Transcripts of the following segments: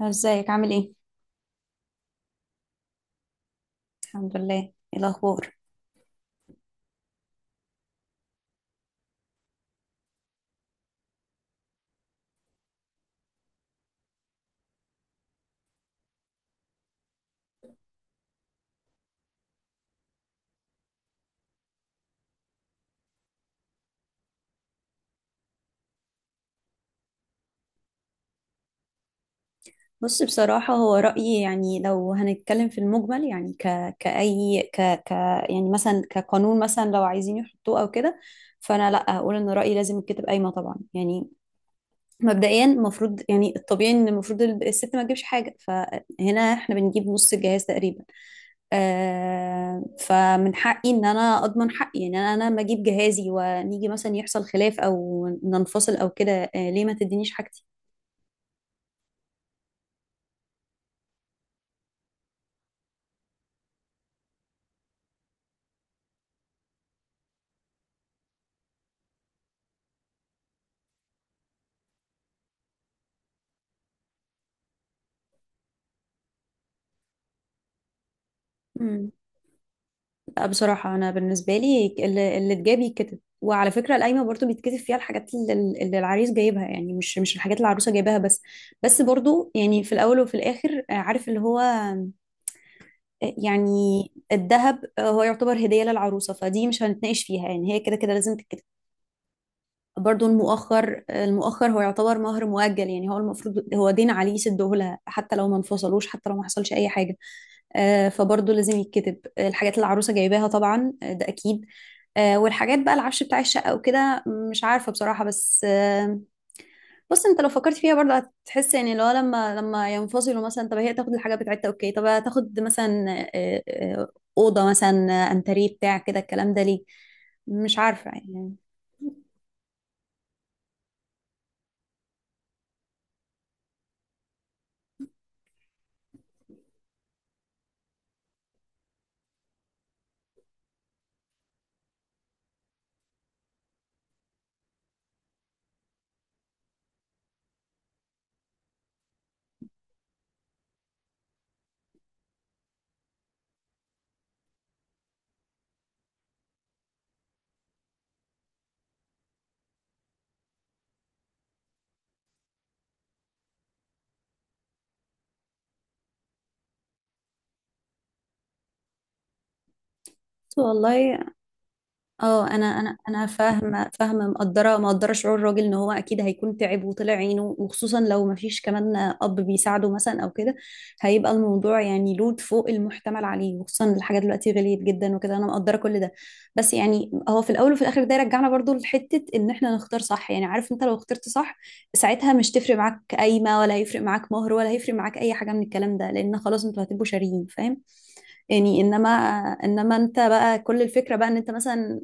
ازيك عامل ايه؟ الحمد لله. ايه الاخبار؟ بص، بصراحة هو رأيي يعني لو هنتكلم في المجمل، يعني ك كأي ك ك يعني مثلا كقانون مثلا، لو عايزين يحطوه او كده، فانا لا، هقول ان رأيي لازم الكتب قايمة طبعا. يعني مبدئيا المفروض، يعني الطبيعي ان المفروض الست ما تجيبش حاجة، فهنا احنا بنجيب نص الجهاز تقريبا. فمن حقي ان انا اضمن حقي ان انا ما اجيب جهازي، ونيجي مثلا يحصل خلاف او ننفصل او كده، ليه ما تدينيش حاجتي؟ لا بصراحة أنا بالنسبة لي، اللي اتجاب يتكتب. وعلى فكرة، القايمة برضو بيتكتب فيها الحاجات اللي العريس جايبها، يعني مش الحاجات اللي العروسة جايبها بس. بس برضو يعني في الأول وفي الآخر آه، عارف اللي هو آه، يعني الذهب هو يعتبر هدية للعروسة، فدي مش هنتناقش فيها، يعني هي كده كده لازم تتكتب. برضو المؤخر، المؤخر هو يعتبر مهر مؤجل، يعني هو المفروض هو دين عليه يسده لها حتى لو ما انفصلوش، حتى لو ما حصلش أي حاجة. فبرضه لازم يتكتب الحاجات اللي العروسة جايباها طبعا، ده أكيد. والحاجات بقى العفش بتاع الشقة وكده، مش عارفة بصراحة بس بص انت لو فكرت فيها برضه، هتحس يعني لو لما ينفصلوا مثلا، طب هي تاخد الحاجة بتاعتها اوكي، طب هتاخد مثلا آه، آه، أوضة مثلا، أنتريه بتاع كده، الكلام ده ليه؟ مش عارفة يعني. بس والله، انا فاهمه مقدره شعور الراجل ان هو اكيد هيكون تعب وطلع عينه، وخصوصا لو ما فيش كمان اب بيساعده مثلا او كده، هيبقى الموضوع يعني لود فوق المحتمل عليه. وخصوصا الحاجات دلوقتي غليت جدا وكده، انا مقدره كل ده. بس يعني هو في الاول وفي الاخر، ده يرجعنا برضو لحته ان احنا نختار صح. يعني عارف، انت لو اخترت صح، ساعتها مش تفرق معاك قايمه، ولا هيفرق معاك مهر، ولا هيفرق معاك اي حاجه من الكلام ده، لان خلاص انتوا هتبقوا شاريين، فاهم يعني؟ انما انت بقى كل الفكره بقى ان انت مثلا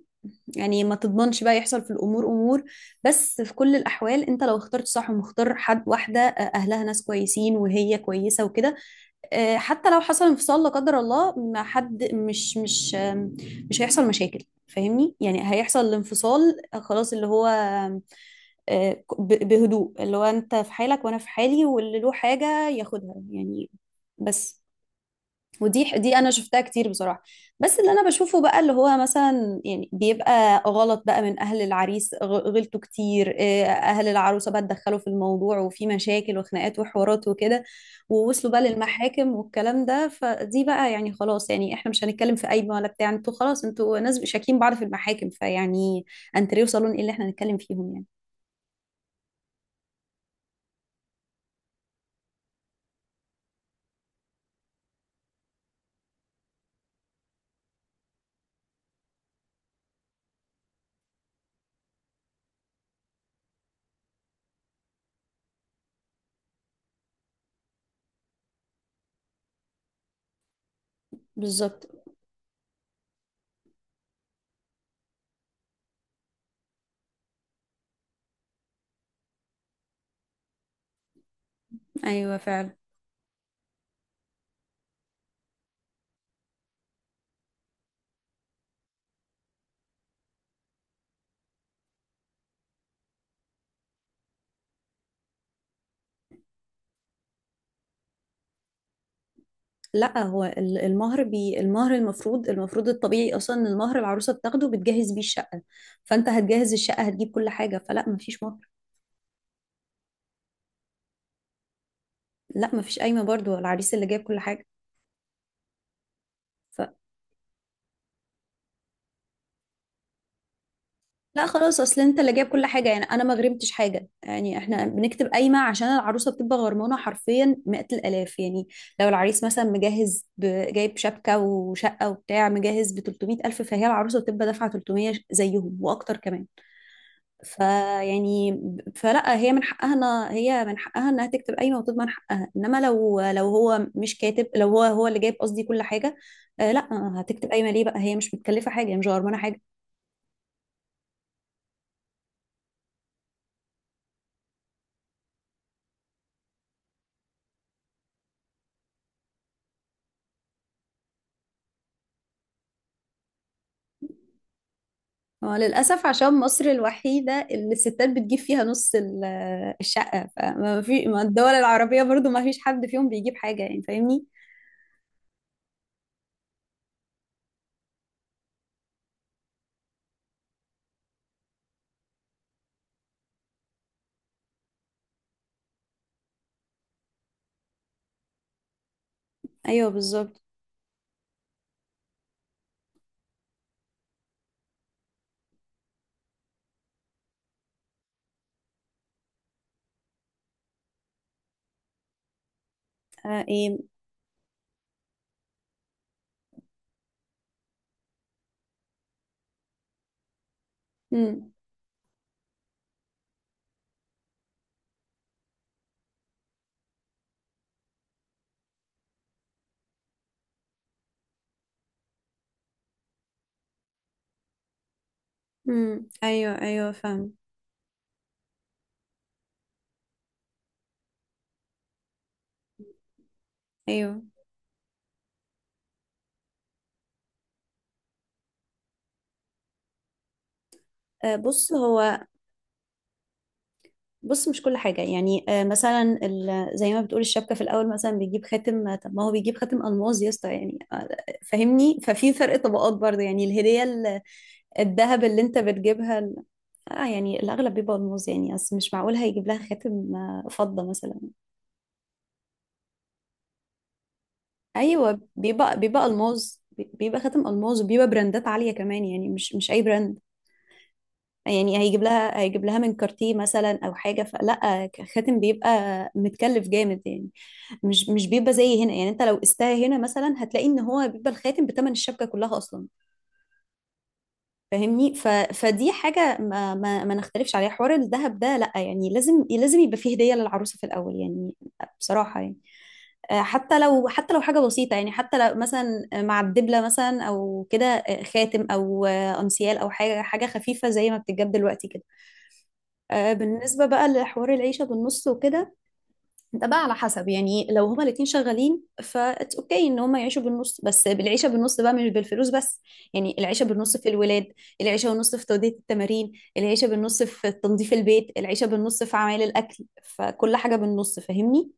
يعني ما تضمنش بقى يحصل في الامور امور. بس في كل الاحوال انت لو اخترت صح، ومختار حد واحده اهلها ناس كويسين وهي كويسه وكده، حتى لو حصل انفصال لا قدر الله، ما حد مش هيحصل مشاكل، فاهمني؟ يعني هيحصل الانفصال خلاص، اللي هو آم، آه، بهدوء، اللي هو انت في حالك وانا في حالي، واللي له حاجه ياخدها يعني. بس ودي انا شفتها كتير بصراحه. بس اللي انا بشوفه بقى، اللي هو مثلا يعني بيبقى غلط بقى من اهل العريس، غلطوا كتير. اهل العروسه بقى اتدخلوا في الموضوع وفي مشاكل وخناقات وحوارات وكده، ووصلوا بقى للمحاكم والكلام ده، فدي بقى يعني خلاص، يعني احنا مش هنتكلم في قايمه ولا بتاع، انتوا خلاص انتوا ناس شاكين بعض في المحاكم، فيعني انتوا صالون ايه اللي احنا هنتكلم فيهم يعني؟ بالظبط. ايوه فعلا. لا هو المهر المفروض، الطبيعي اصلا ان المهر العروسه بتاخده بتجهز بيه الشقه، فانت هتجهز الشقه، هتجيب كل حاجه، فلا مفيش مهر. لا مفيش قايمه برضو، العريس اللي جايب كل حاجه. ف لا خلاص، اصل انت اللي جايب كل حاجه، يعني انا ما غرمتش حاجه. يعني احنا بنكتب قايمه عشان العروسه بتبقى غرمانه حرفيا 100 الالاف يعني. لو العريس مثلا جايب شبكه وشقه وبتاع، مجهز ب 300 الف، فهي العروسه بتبقى دافعه 300 زيهم واكتر كمان، فيعني فلا هي من حقها، هي من حقها انها تكتب قايمه وتضمن حقها. انما لو هو مش كاتب، لو هو اللي جايب قصدي كل حاجه، لا، هتكتب قايمه ليه بقى؟ هي مش متكلفه حاجه، هي مش غرمانه حاجه. هو للاسف عشان مصر الوحيده اللي الستات بتجيب فيها نص الشقه، فما في ما الدول العربيه برضو ما فيش حد فيهم بيجيب حاجه، يعني فاهمني؟ ايوه بالظبط. ايه. امم. امم، ايوه ايوه فاهم. ايوه. آه، بص هو بص مش كل حاجة، يعني مثلا زي ما بتقول الشبكة في الأول، مثلا بيجيب خاتم، طب ما هو بيجيب خاتم ألماس يا اسطى، يعني فاهمني؟ ففي فرق طبقات برضه، يعني الهدية الذهب اللي أنت بتجيبها، يعني الأغلب بيبقى ألماس، يعني أصل مش معقول هيجيب لها خاتم فضة مثلا. أيوه، بيبقى ألماس. بيبقى خاتم ألماس، وبيبقى براندات عالية كمان، يعني مش أي براند. يعني هيجيب لها من كارتيه مثلا او حاجه، فلا خاتم بيبقى متكلف جامد يعني. مش بيبقى زي هنا. يعني انت لو قستها هنا مثلا، هتلاقي ان هو بيبقى الخاتم بتمن الشبكه كلها اصلا، فاهمني؟ فدي حاجه ما نختلفش عليها. حوار الذهب ده لا يعني لازم يبقى فيه هديه للعروسه في الاول يعني، بصراحه يعني. حتى لو حاجه بسيطه، يعني حتى لو مثلا مع الدبله مثلا او كده، خاتم او انسيال او حاجه خفيفه زي ما بتتجاب دلوقتي كده. بالنسبة بقى لحوار العيشة بالنص وكده، ده بقى على حسب. يعني لو هما الاتنين شغالين، فاتس اوكي ان هما يعيشوا بالنص، بس بالعيشة بالنص بقى، مش بالفلوس بس. يعني العيشة بالنص في الولاد، العيشة بالنص في تودية التمارين، العيشة بالنص في تنظيف البيت، العيشة بالنص في عمل الأكل، فكل حاجة بالنص، فاهمني؟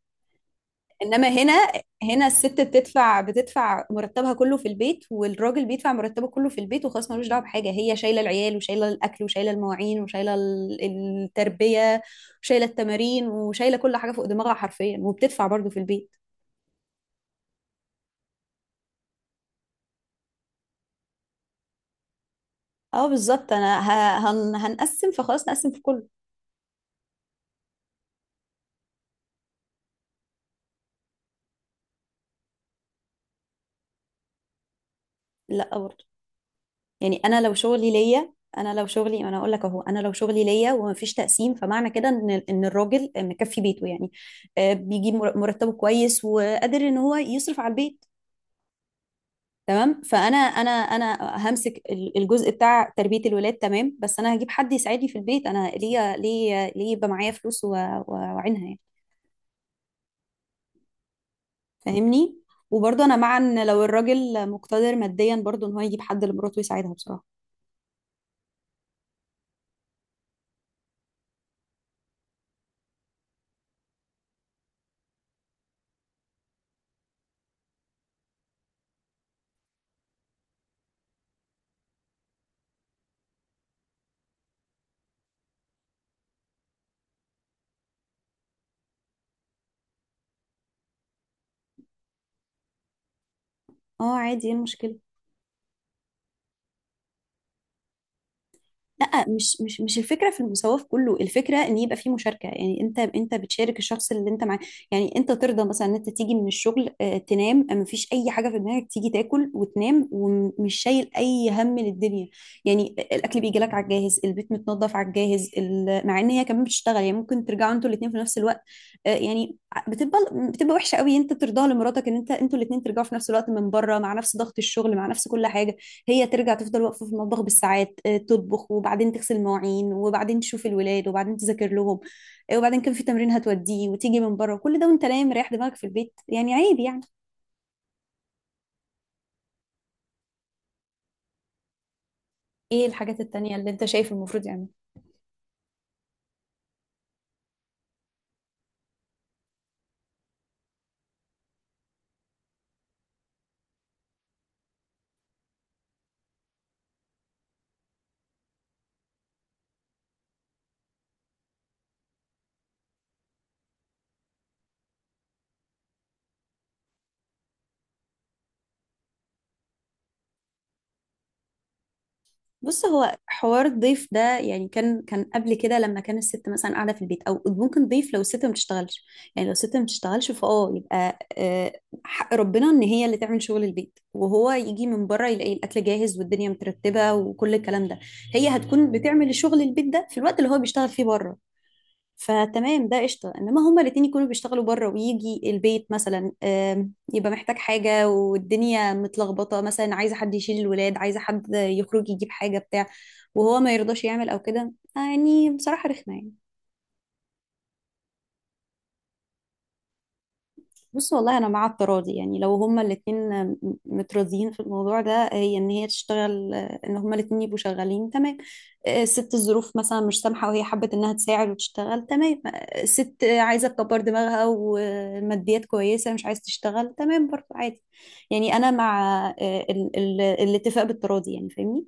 انما هنا، هنا الست بتدفع مرتبها كله في البيت، والراجل بيدفع مرتبه كله في البيت، وخلاص ملوش دعوه بحاجه. هي شايله العيال، وشايله الاكل، وشايله المواعين، وشايله التربيه، وشايله التمارين، وشايله كل حاجه فوق دماغها حرفيا، وبتدفع برضه في البيت. اه بالظبط، انا هنقسم، فخلاص نقسم في كله. لا برضه، يعني انا اقول لك اهو، انا لو شغلي ليا ومفيش تقسيم، فمعنى كده ان الراجل مكفي بيته، يعني بيجيب مرتبه كويس، وقادر ان هو يصرف على البيت. تمام، فانا انا انا همسك الجزء بتاع تربيه الولاد. تمام، بس انا هجيب حد يساعدني في البيت، انا ليه يبقى معايا فلوس واعينها يعني؟ فاهمني؟ وبرضه انا مع ان لو الراجل مقتدر ماديا، برضه ان هو يجيب حد لمراته يساعدها بصراحه. اه عادي، ايه المشكله؟ لا مش الفكره في المساواه في كله، الفكره ان يبقى في مشاركه. يعني انت بتشارك الشخص اللي انت معاه. يعني انت ترضى مثلا ان انت تيجي من الشغل، تنام، ما فيش اي حاجه في دماغك، تيجي تاكل وتنام، ومش شايل اي هم للدنيا؟ يعني الاكل بيجي لك على الجاهز، البيت متنظف على الجاهز، مع ان هي كمان بتشتغل. يعني ممكن ترجعوا انتوا الاثنين في نفس الوقت، يعني بتبقى بتبقى وحشه قوي انت ترضاها لمراتك ان انت، انتوا الاثنين ترجعوا في نفس الوقت من بره، مع نفس ضغط الشغل، مع نفس كل حاجه، هي ترجع تفضل واقفة في المطبخ بالساعات، تطبخ، وبعدين تغسل مواعين، وبعدين تشوف الولاد، وبعدين تذاكر لهم، وبعدين كان في تمرين هتوديه، وتيجي من بره كل ده، وانت نايم رايح دماغك في البيت، يعني عيب يعني. ايه الحاجات التانية اللي انت شايف المفروض يعملها؟ بص هو حوار الضيف ده يعني كان، قبل كده لما كان الست مثلا قاعده في البيت، او ممكن ضيف لو الست ما بتشتغلش. يعني لو الست ما بتشتغلش، فاه يبقى حق ربنا ان هي اللي تعمل شغل البيت، وهو يجي من بره يلاقي الاكل جاهز والدنيا مترتبه وكل الكلام ده. هي هتكون بتعمل شغل البيت ده في الوقت اللي هو بيشتغل فيه بره، فتمام، ده قشطه. انما هما الاتنين يكونوا بيشتغلوا بره، ويجي البيت مثلا يبقى محتاج حاجه والدنيا متلخبطه، مثلا عايزه حد يشيل الولاد، عايزه حد يخرج يجيب حاجه بتاع، وهو ما يرضاش يعمل او كده، يعني بصراحه رخمه يعني. بص والله، انا مع التراضي. يعني لو هما الاتنين متراضيين في الموضوع ده، هي ان هي تشتغل، ان هما الاتنين يبقوا شغالين، تمام. الست الظروف مثلا مش سامحه، وهي حبت انها تساعد وتشتغل، تمام. الست عايزه تكبر دماغها، وماديات كويسه مش عايز تشتغل، تمام برضه، عادي. يعني انا مع الاتفاق بالتراضي، يعني فاهمني؟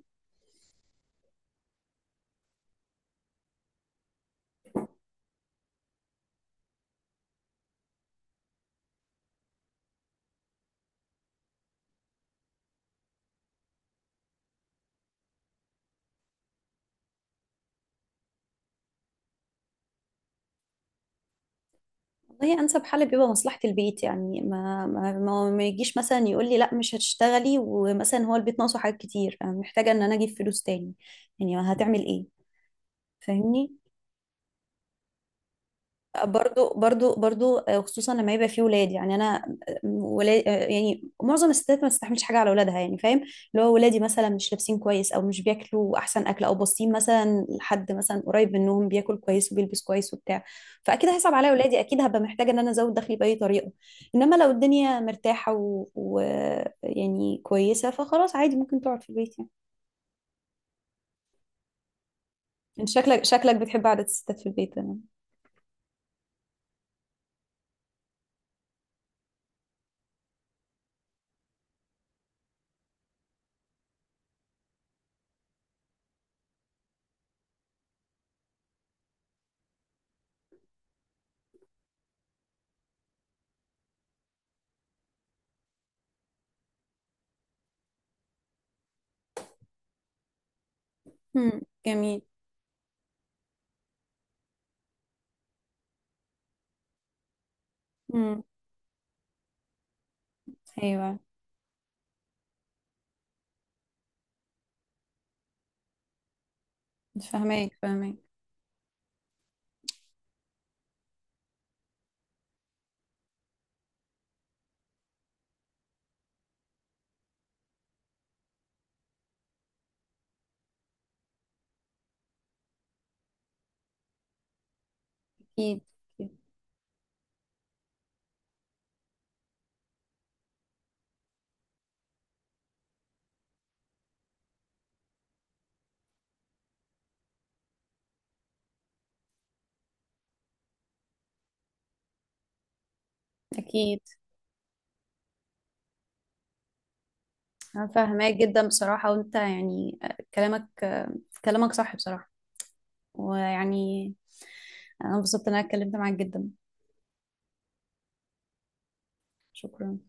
والله انسب حل بيبقى مصلحه البيت. يعني ما يجيش مثلا يقول لي لا مش هتشتغلي، ومثلا هو البيت ناقصه حاجات كتير، أنا محتاجه ان انا اجيب فلوس تاني، يعني هتعمل ايه؟ فاهمني؟ برضو خصوصا لما يبقى فيه ولاد. يعني انا ولاد، يعني معظم الستات ما تستحملش حاجه على اولادها، يعني فاهم؟ اللي هو ولادي مثلا مش لابسين كويس، او مش بياكلوا احسن اكل، او باصين مثلا لحد مثلا قريب منهم بياكل كويس وبيلبس كويس وبتاع، فاكيد هيصعب عليا ولادي، اكيد هبقى محتاجه ان انا ازود دخلي باي طريقه. انما لو الدنيا مرتاحه يعني كويسه، فخلاص عادي، ممكن تقعد في البيت يعني. انت شكلك بتحب قعده الستات في البيت، تمام. مم، جميل. امم، ايوه، فهماك فهماك. أكيد أكيد. أنا فاهماك جدا بصراحة، وأنت يعني، كلامك، كلامك صح بصراحة، ويعني أنا انبسطت إن أنا اتكلمت معاك جدا. شكرا.